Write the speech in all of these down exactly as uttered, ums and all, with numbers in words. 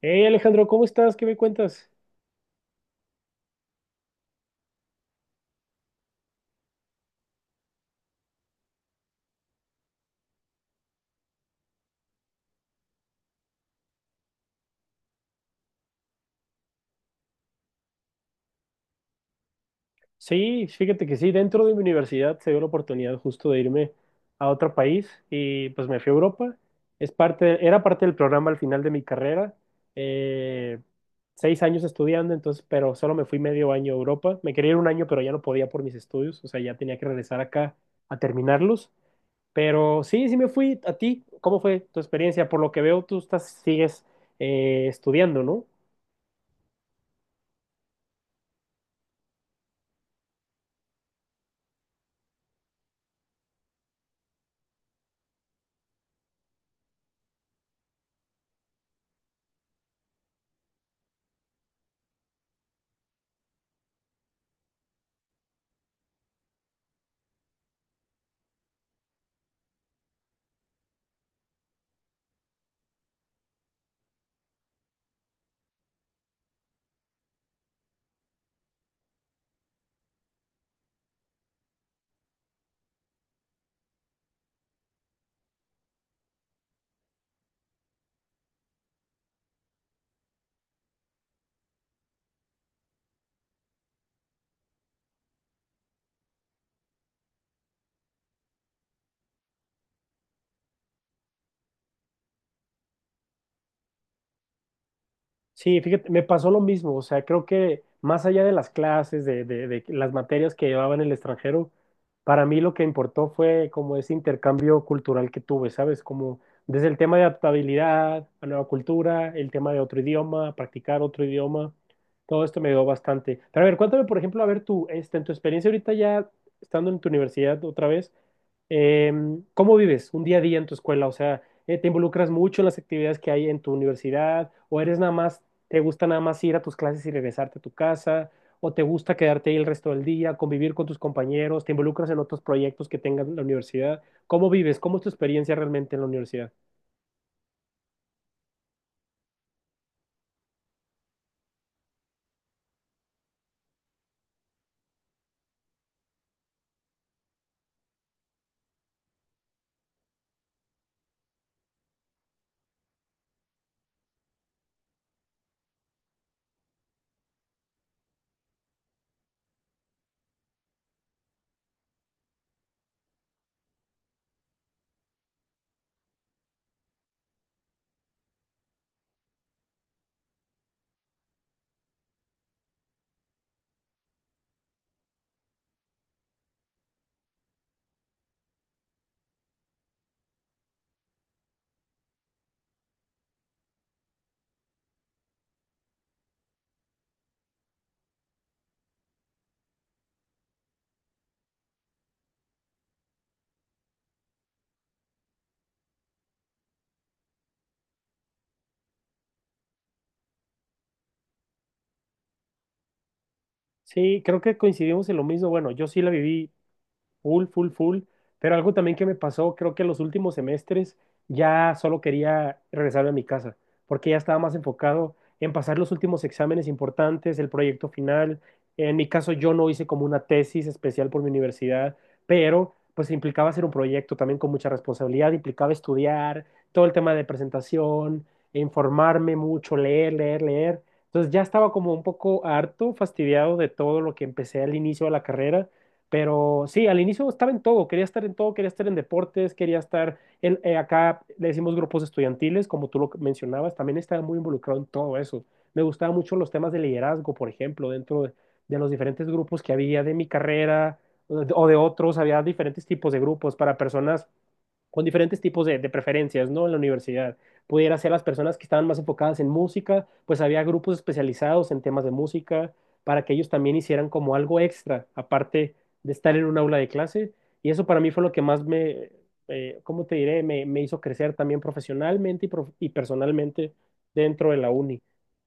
Hey Alejandro, ¿cómo estás? ¿Qué me cuentas? Sí, fíjate que sí, dentro de mi universidad se dio la oportunidad justo de irme a otro país y pues me fui a Europa. Es parte, era parte del programa al final de mi carrera. Eh, Seis años estudiando, entonces, pero solo me fui medio año a Europa. Me quería ir un año, pero ya no podía por mis estudios, o sea, ya tenía que regresar acá a terminarlos. Pero sí, sí me fui. ¿A ti? ¿Cómo fue tu experiencia? Por lo que veo, tú estás, sigues eh, estudiando, ¿no? Sí, fíjate, me pasó lo mismo, o sea, creo que más allá de las clases, de, de- de las materias que llevaba en el extranjero, para mí lo que importó fue como ese intercambio cultural que tuve, ¿sabes? Como desde el tema de adaptabilidad a nueva cultura, el tema de otro idioma, practicar otro idioma, todo esto me ayudó bastante. Pero a ver, cuéntame, por ejemplo, a ver tú, este, en tu experiencia ahorita ya estando en tu universidad otra vez, em, ¿cómo vives un día a día en tu escuela? O sea, eh, ¿te involucras mucho en las actividades que hay en tu universidad o eres nada más ¿te gusta nada más ir a tus clases y regresarte a tu casa? ¿O te gusta quedarte ahí el resto del día, convivir con tus compañeros? ¿Te involucras en otros proyectos que tengas en la universidad? ¿Cómo vives? ¿Cómo es tu experiencia realmente en la universidad? Sí, creo que coincidimos en lo mismo. Bueno, yo sí la viví full, full, full. Pero algo también que me pasó, creo que en los últimos semestres ya solo quería regresarme a mi casa, porque ya estaba más enfocado en pasar los últimos exámenes importantes, el proyecto final. En mi caso yo no hice como una tesis especial por mi universidad, pero pues implicaba hacer un proyecto también con mucha responsabilidad, implicaba estudiar todo el tema de presentación, informarme mucho, leer, leer, leer. Entonces ya estaba como un poco harto, fastidiado de todo lo que empecé al inicio de la carrera, pero sí, al inicio estaba en todo, quería estar en todo, quería estar en deportes, quería estar en, eh, acá, le decimos grupos estudiantiles, como tú lo mencionabas, también estaba muy involucrado en todo eso. Me gustaban mucho los temas de liderazgo, por ejemplo, dentro de, de los diferentes grupos que había de mi carrera o de, o de otros; había diferentes tipos de grupos para personas con diferentes tipos de, de preferencias, ¿no? En la universidad. Pudiera ser las personas que estaban más enfocadas en música, pues había grupos especializados en temas de música para que ellos también hicieran como algo extra, aparte de estar en un aula de clase. Y eso para mí fue lo que más me, eh, ¿cómo te diré? Me, me hizo crecer también profesionalmente y, prof- y personalmente dentro de la uni.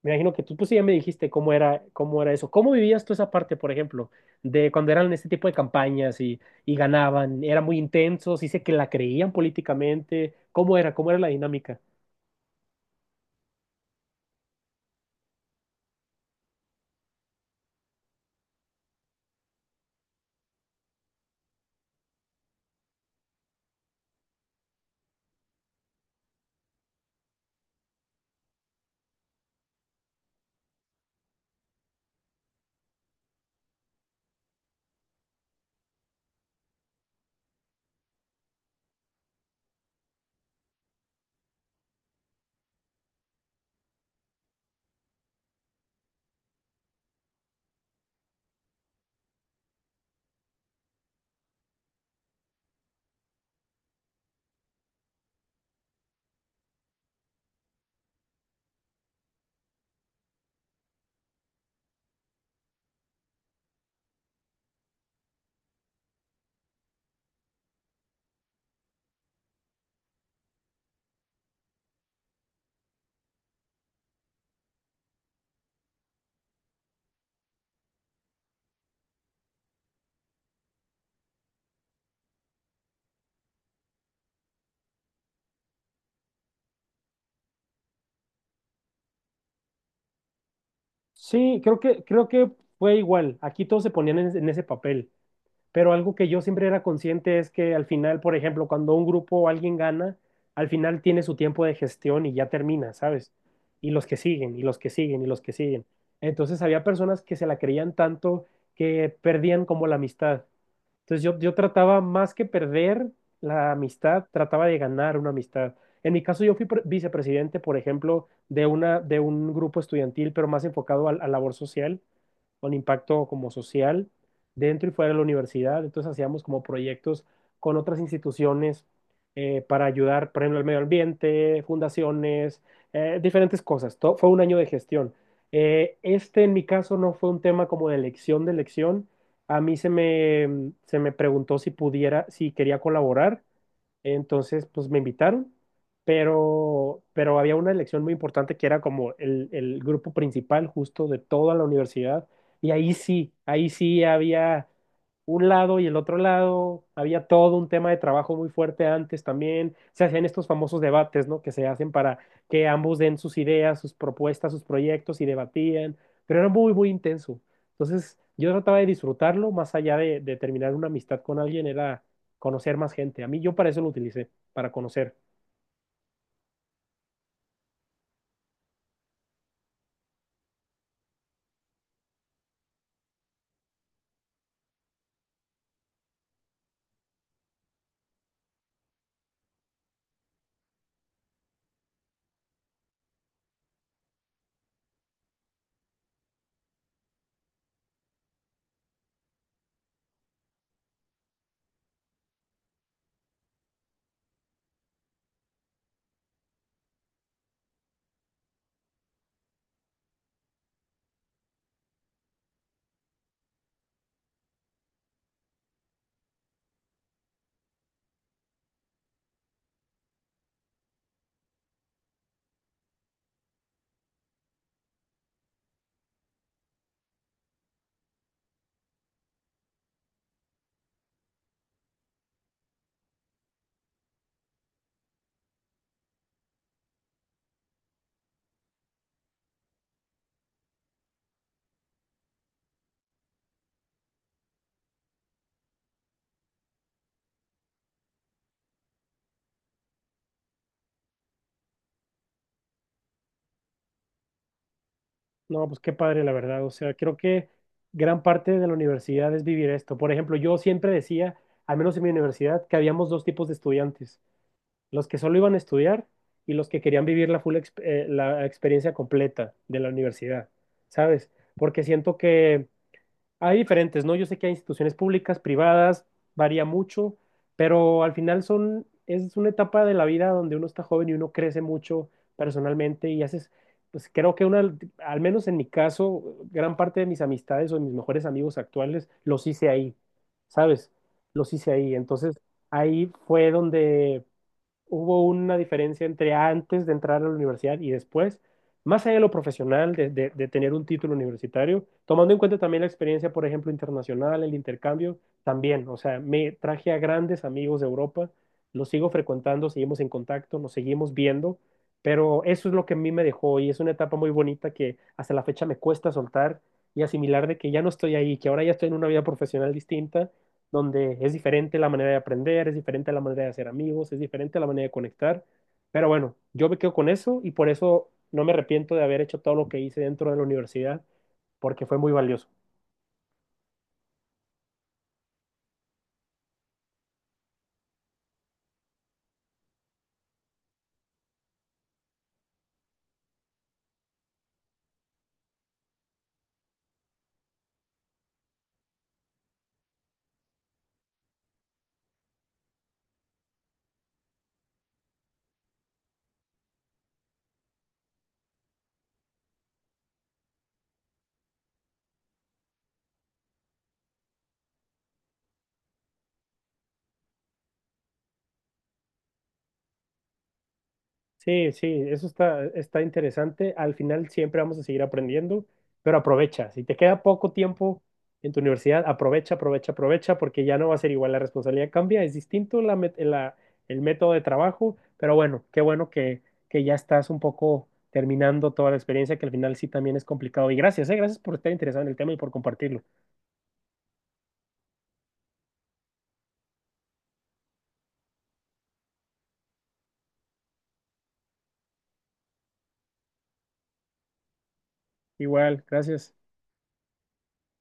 Me imagino que tú, pues sí, ya me dijiste cómo era, cómo era eso. ¿Cómo vivías tú esa parte, por ejemplo, de cuando eran este tipo de campañas y y ganaban, eran muy intensos, dice que la creían políticamente. ¿Cómo era? ¿Cómo era la dinámica? Sí, creo que, creo que fue igual. Aquí todos se ponían en, en ese papel. Pero algo que yo siempre era consciente es que al final, por ejemplo, cuando un grupo o alguien gana, al final tiene su tiempo de gestión y ya termina, ¿sabes? Y los que siguen, y los que siguen, y los que siguen. Entonces había personas que se la creían tanto que perdían como la amistad. Entonces yo, yo trataba más que perder la amistad, trataba de ganar una amistad. En mi caso yo fui pre- vicepresidente, por ejemplo, de una, de un grupo estudiantil, pero más enfocado al- a labor social con impacto como social dentro y fuera de la universidad. Entonces hacíamos como proyectos con otras instituciones, eh, para ayudar, por ejemplo, al medio ambiente, fundaciones, eh, diferentes cosas. To- fue un año de gestión. Eh, este, en mi caso no fue un tema como de elección de elección. A mí se me, se me preguntó si pudiera, si quería colaborar, entonces, pues me invitaron, pero, pero había una elección muy importante que era como el, el grupo principal justo de toda la universidad. Y ahí sí, ahí sí había un lado y el otro lado, había todo un tema de trabajo muy fuerte antes también. Se hacían estos famosos debates, ¿no? Que se hacen para que ambos den sus ideas, sus propuestas, sus proyectos y debatían, pero era muy, muy intenso. Entonces, yo trataba de disfrutarlo, más allá de, de terminar una amistad con alguien, era conocer más gente. A mí yo para eso lo utilicé, para conocer. No, pues qué padre, la verdad. O sea, creo que gran parte de la universidad es vivir esto. Por ejemplo, yo siempre decía, al menos en mi universidad, que habíamos dos tipos de estudiantes, los que solo iban a estudiar y los que querían vivir la full exp- eh, la experiencia completa de la universidad, ¿sabes? Porque siento que hay diferentes, ¿no? Yo sé que hay instituciones públicas, privadas, varía mucho, pero al final son, es una etapa de la vida donde uno está joven y uno crece mucho personalmente y haces, pues creo que una, al menos en mi caso, gran parte de mis amistades o de mis mejores amigos actuales los hice ahí, ¿sabes? Los hice ahí. Entonces, ahí fue donde hubo una diferencia entre antes de entrar a la universidad y después, más allá de lo profesional, de, de- de tener un título universitario, tomando en cuenta también la experiencia, por ejemplo, internacional, el intercambio, también, o sea, me traje a grandes amigos de Europa, los sigo frecuentando, seguimos en contacto, nos seguimos viendo, pero eso es lo que a mí me dejó, y es una etapa muy bonita que hasta la fecha me cuesta soltar y asimilar de que ya no estoy ahí, que ahora ya estoy en una vida profesional distinta donde es diferente la manera de aprender, es diferente la manera de hacer amigos, es diferente la manera de conectar. Pero bueno, yo me quedo con eso y por eso no me arrepiento de haber hecho todo lo que hice dentro de la universidad, porque fue muy valioso. Sí, sí, eso está, está interesante. Al final siempre vamos a seguir aprendiendo, pero aprovecha. Si te queda poco tiempo en tu universidad, aprovecha, aprovecha, aprovecha, porque ya no va a ser igual. La responsabilidad cambia, es distinto la, met- la- el método de trabajo, pero bueno, qué bueno que, que ya estás un poco terminando toda la experiencia, que al final sí también es complicado. Y gracias, eh, gracias por estar interesado en el tema y por compartirlo. Igual, gracias.